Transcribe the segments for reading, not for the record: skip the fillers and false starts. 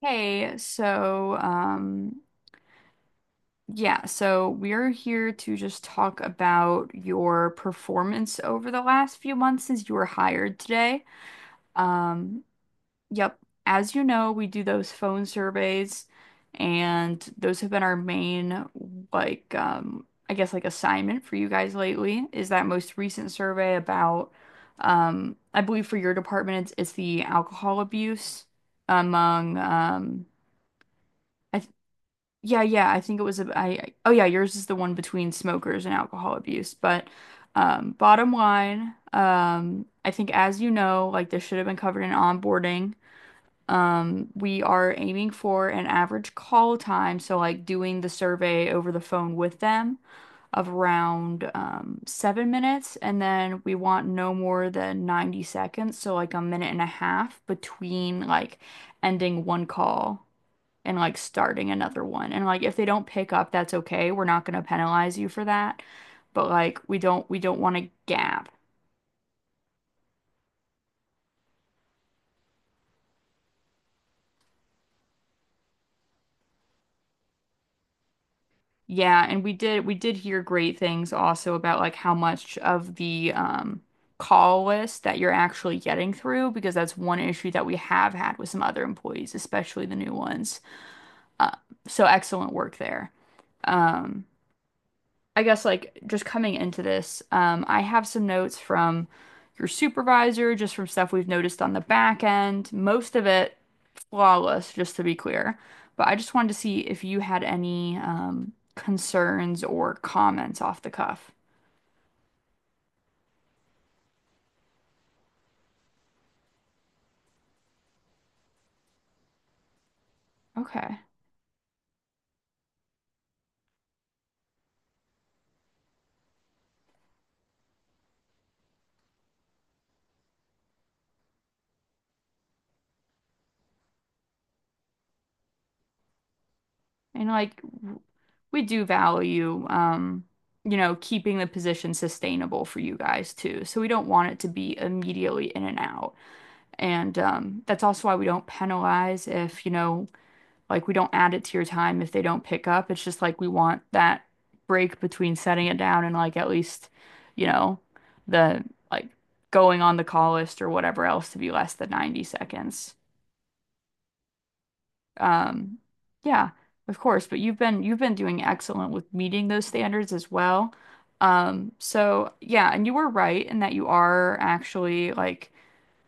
Hey, so we're here to just talk about your performance over the last few months since you were hired today. Um yep, as you know, we do those phone surveys, and those have been our main, like, assignment for you guys lately. Is that most recent survey about, I believe for your department, it's the alcohol abuse among, I, Yeah, yeah, I think it was a yeah, yours is the one between smokers and alcohol abuse. But bottom line, I think as you know, like this should have been covered in onboarding. We are aiming for an average call time, so like doing the survey over the phone with them of around 7 minutes, and then we want no more than 90 seconds, so like a minute and a half between like ending one call and like starting another one. And like if they don't pick up, that's okay. We're not gonna penalize you for that. But like we don't want to gap. Yeah, and we did hear great things also about like how much of the call list that you're actually getting through, because that's one issue that we have had with some other employees, especially the new ones. Uh, so excellent work there. Um I guess like just coming into this, I have some notes from your supervisor, just from stuff we've noticed on the back end. Most of it flawless, just to be clear. But I just wanted to see if you had any concerns or comments off the cuff. Okay. And like we do value, you know, keeping the position sustainable for you guys too. So we don't want it to be immediately in and out. And that's also why we don't penalize if, you know, like we don't add it to your time if they don't pick up. It's just like we want that break between setting it down and like at least, you know, the, like, going on the call list or whatever else to be less than 90 seconds. Um, yeah, of course, but you've been doing excellent with meeting those standards as well. So yeah, and you were right in that you are actually like,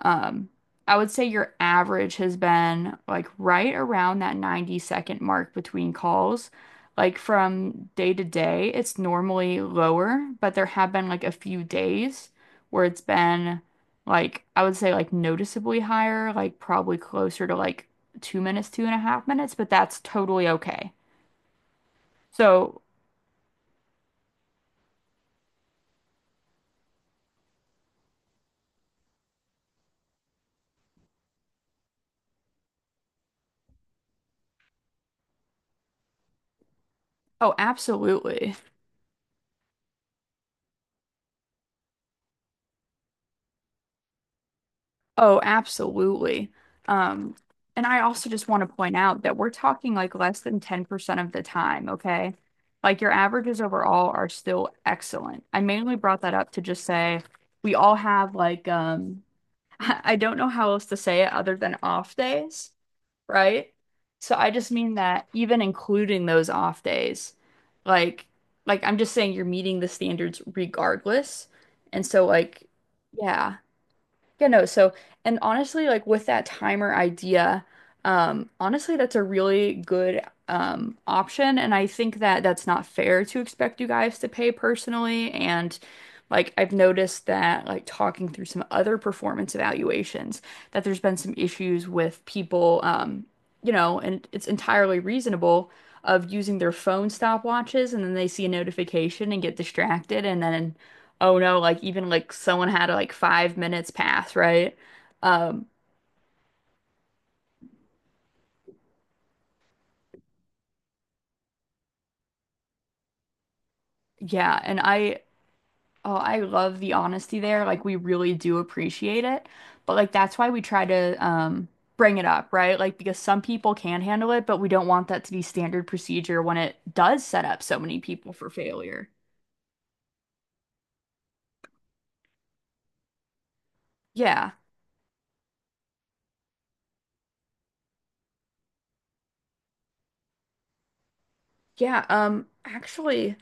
um, I would say your average has been like right around that 90-second mark between calls. Like from day to day, it's normally lower, but there have been like a few days where it's been like, I would say, like noticeably higher, like probably closer to like 2 minutes, two and a half minutes, but that's totally okay. So, oh, absolutely. Oh, absolutely. Um, and I also just want to point out that we're talking like less than 10% of the time, okay? Like your averages overall are still excellent. I mainly brought that up to just say we all have like I don't know how else to say it other than off days, right? So I just mean that even including those off days, like like I'm just saying you're meeting the standards regardless. And so like yeah. Yeah, no. So, and honestly, like with that timer idea, honestly, that's a really good option, and I think that that's not fair to expect you guys to pay personally. And like I've noticed that like talking through some other performance evaluations, that there's been some issues with people, you know, and it's entirely reasonable, of using their phone stopwatches, and then they see a notification and get distracted, and then oh no, like even like someone had like 5 minutes pass, right? Um, yeah, and I, oh, I love the honesty there. Like we really do appreciate it. But like that's why we try to bring it up, right? Like because some people can handle it, but we don't want that to be standard procedure when it does set up so many people for failure. Yeah. Yeah. Actually,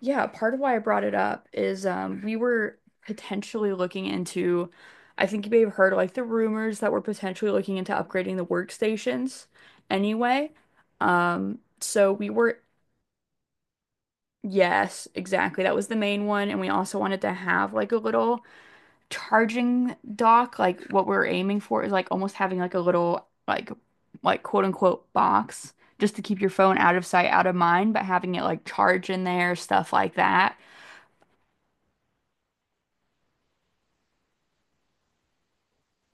yeah, part of why I brought it up is we were potentially looking into, I think you may have heard like the rumors that we're potentially looking into upgrading the workstations anyway. So we were, yes, exactly. That was the main one. And we also wanted to have like a little charging dock. Like what we're aiming for is like almost having like a little like quote unquote box, just to keep your phone out of sight, out of mind, but having it like charge in there, stuff like that.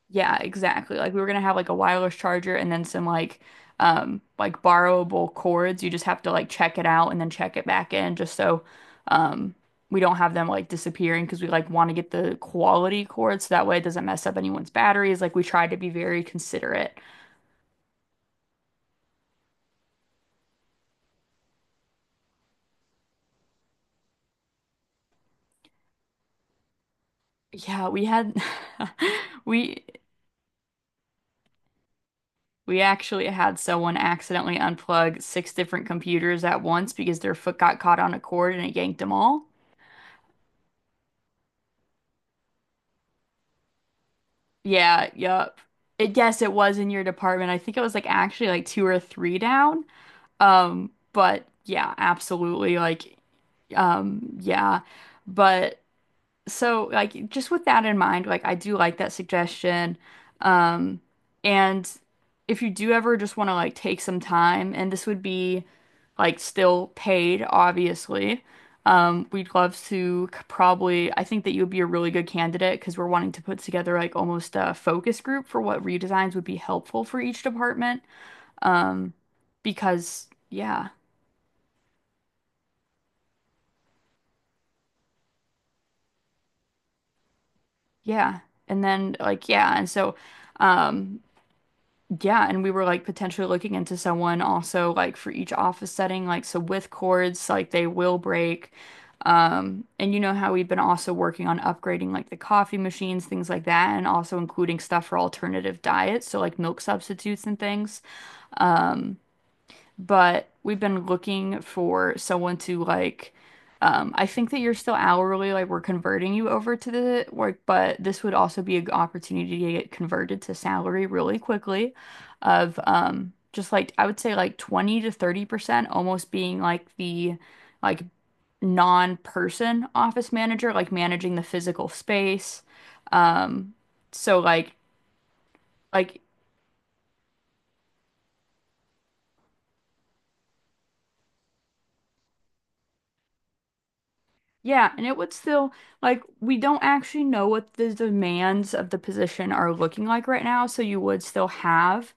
Yeah, exactly. Like we were gonna have like a wireless charger and then some like borrowable cords. You just have to like check it out and then check it back in just so um we don't have them like disappearing, because we like want to get the quality cords so that way it doesn't mess up anyone's batteries. Like we tried to be very considerate. Yeah, we had we we actually had someone accidentally unplug six different computers at once because their foot got caught on a cord and it yanked them all. Yeah, yup. It, yes, it was in your department. I think it was like actually like two or three down. But yeah, absolutely. Like, yeah. But so, like, just with that in mind, like, I do like that suggestion. Um, and if you do ever just want to like take some time, and this would be like still paid, obviously, we'd love to probably, I think that you would be a really good candidate because we're wanting to put together like almost a focus group for what redesigns would be helpful for each department. Um, because yeah, yeah. And then like, yeah. And so, um, yeah, and we were like potentially looking into someone also like for each office setting, like so with cords, like they will break. And you know how we've been also working on upgrading like the coffee machines, things like that, and also including stuff for alternative diets, so like milk substitutes and things. Um, but we've been looking for someone to like I think that you're still hourly, like we're converting you over to the work, but this would also be a g opportunity to get converted to salary really quickly, of um, just like, I would say, like 20 to 30% almost being like the, like, non-person office manager, like managing the physical space, um so like, yeah. And it would still, like, we don't actually know what the demands of the position are looking like right now, so you would still have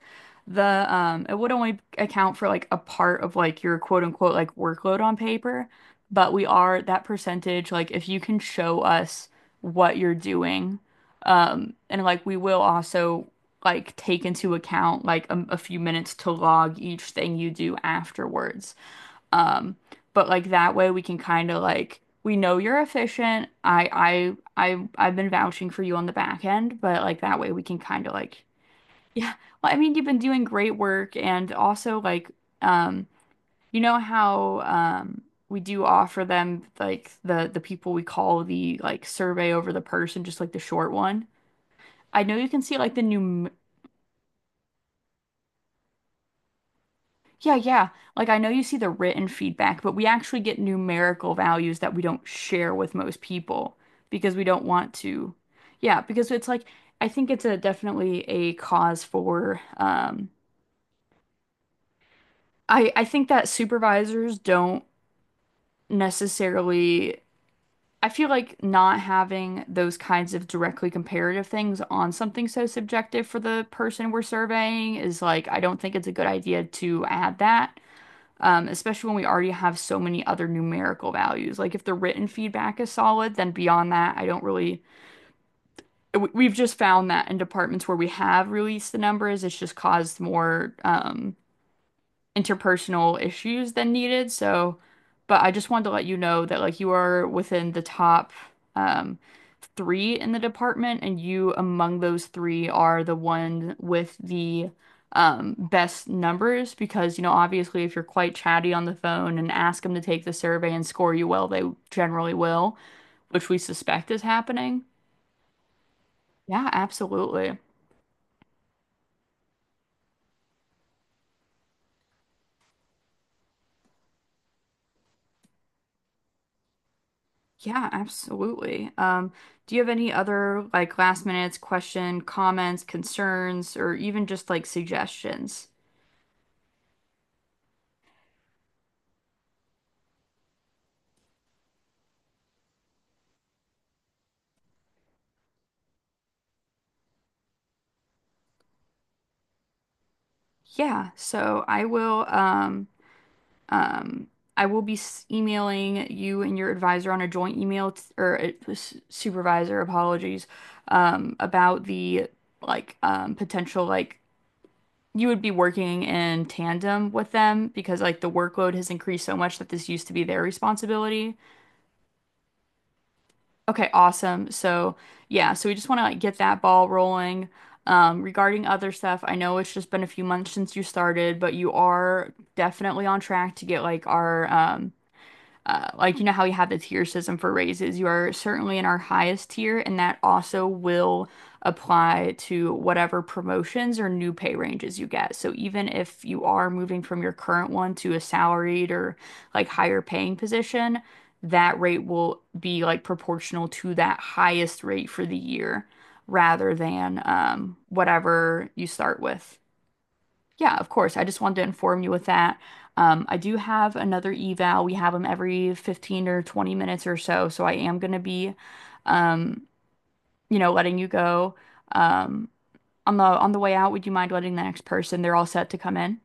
the, it would only account for like a part of like your quote unquote like workload on paper, but we are that percentage, like, if you can show us what you're doing, and like we will also like take into account like a few minutes to log each thing you do afterwards. Um, but like that way we can kind of like, we know you're efficient. I've been vouching for you on the back end, but like that way we can kind of like yeah. Well, I mean, you've been doing great work and also like um you know how we do offer them like the people we call, the like survey over the person, just like the short one. I know you can see like the numeric, Yeah, yeah. Like I know you see the written feedback, but we actually get numerical values that we don't share with most people because we don't want to. Yeah, because it's like, I think it's a definitely a cause for um, I think that supervisors don't necessarily, I feel like not having those kinds of directly comparative things on something so subjective for the person we're surveying is like, I don't think it's a good idea to add that especially when we already have so many other numerical values. Like if the written feedback is solid, then beyond that, I don't really. We've just found that in departments where we have released the numbers, it's just caused more interpersonal issues than needed. So, but I just wanted to let you know that like you are within the top, um, three in the department, and you among those three are the one with the best numbers, because you know obviously if you're quite chatty on the phone and ask them to take the survey and score you well, they generally will, which we suspect is happening. Yeah, absolutely. Yeah, absolutely. Do you have any other like last minute question, comments, concerns, or even just like suggestions? Yeah, so I will um I will be emailing you and your advisor on a joint email t or a supervisor, apologies, um, about the like um, potential like you would be working in tandem with them because like the workload has increased so much that this used to be their responsibility. Okay, awesome. So, yeah, so we just want to like get that ball rolling. Regarding other stuff, I know it's just been a few months since you started, but you are definitely on track to get like our like, you know how we have the tier system for raises? You are certainly in our highest tier, and that also will apply to whatever promotions or new pay ranges you get. So even if you are moving from your current one to a salaried or like higher paying position, that rate will be like proportional to that highest rate for the year rather than whatever you start with. Yeah, of course. I just wanted to inform you with that. I do have another eval. We have them every 15 or 20 minutes or so. So I am going to be, um, you know, letting you go. Um, on the way out, would you mind letting the next person? They're all set to come in.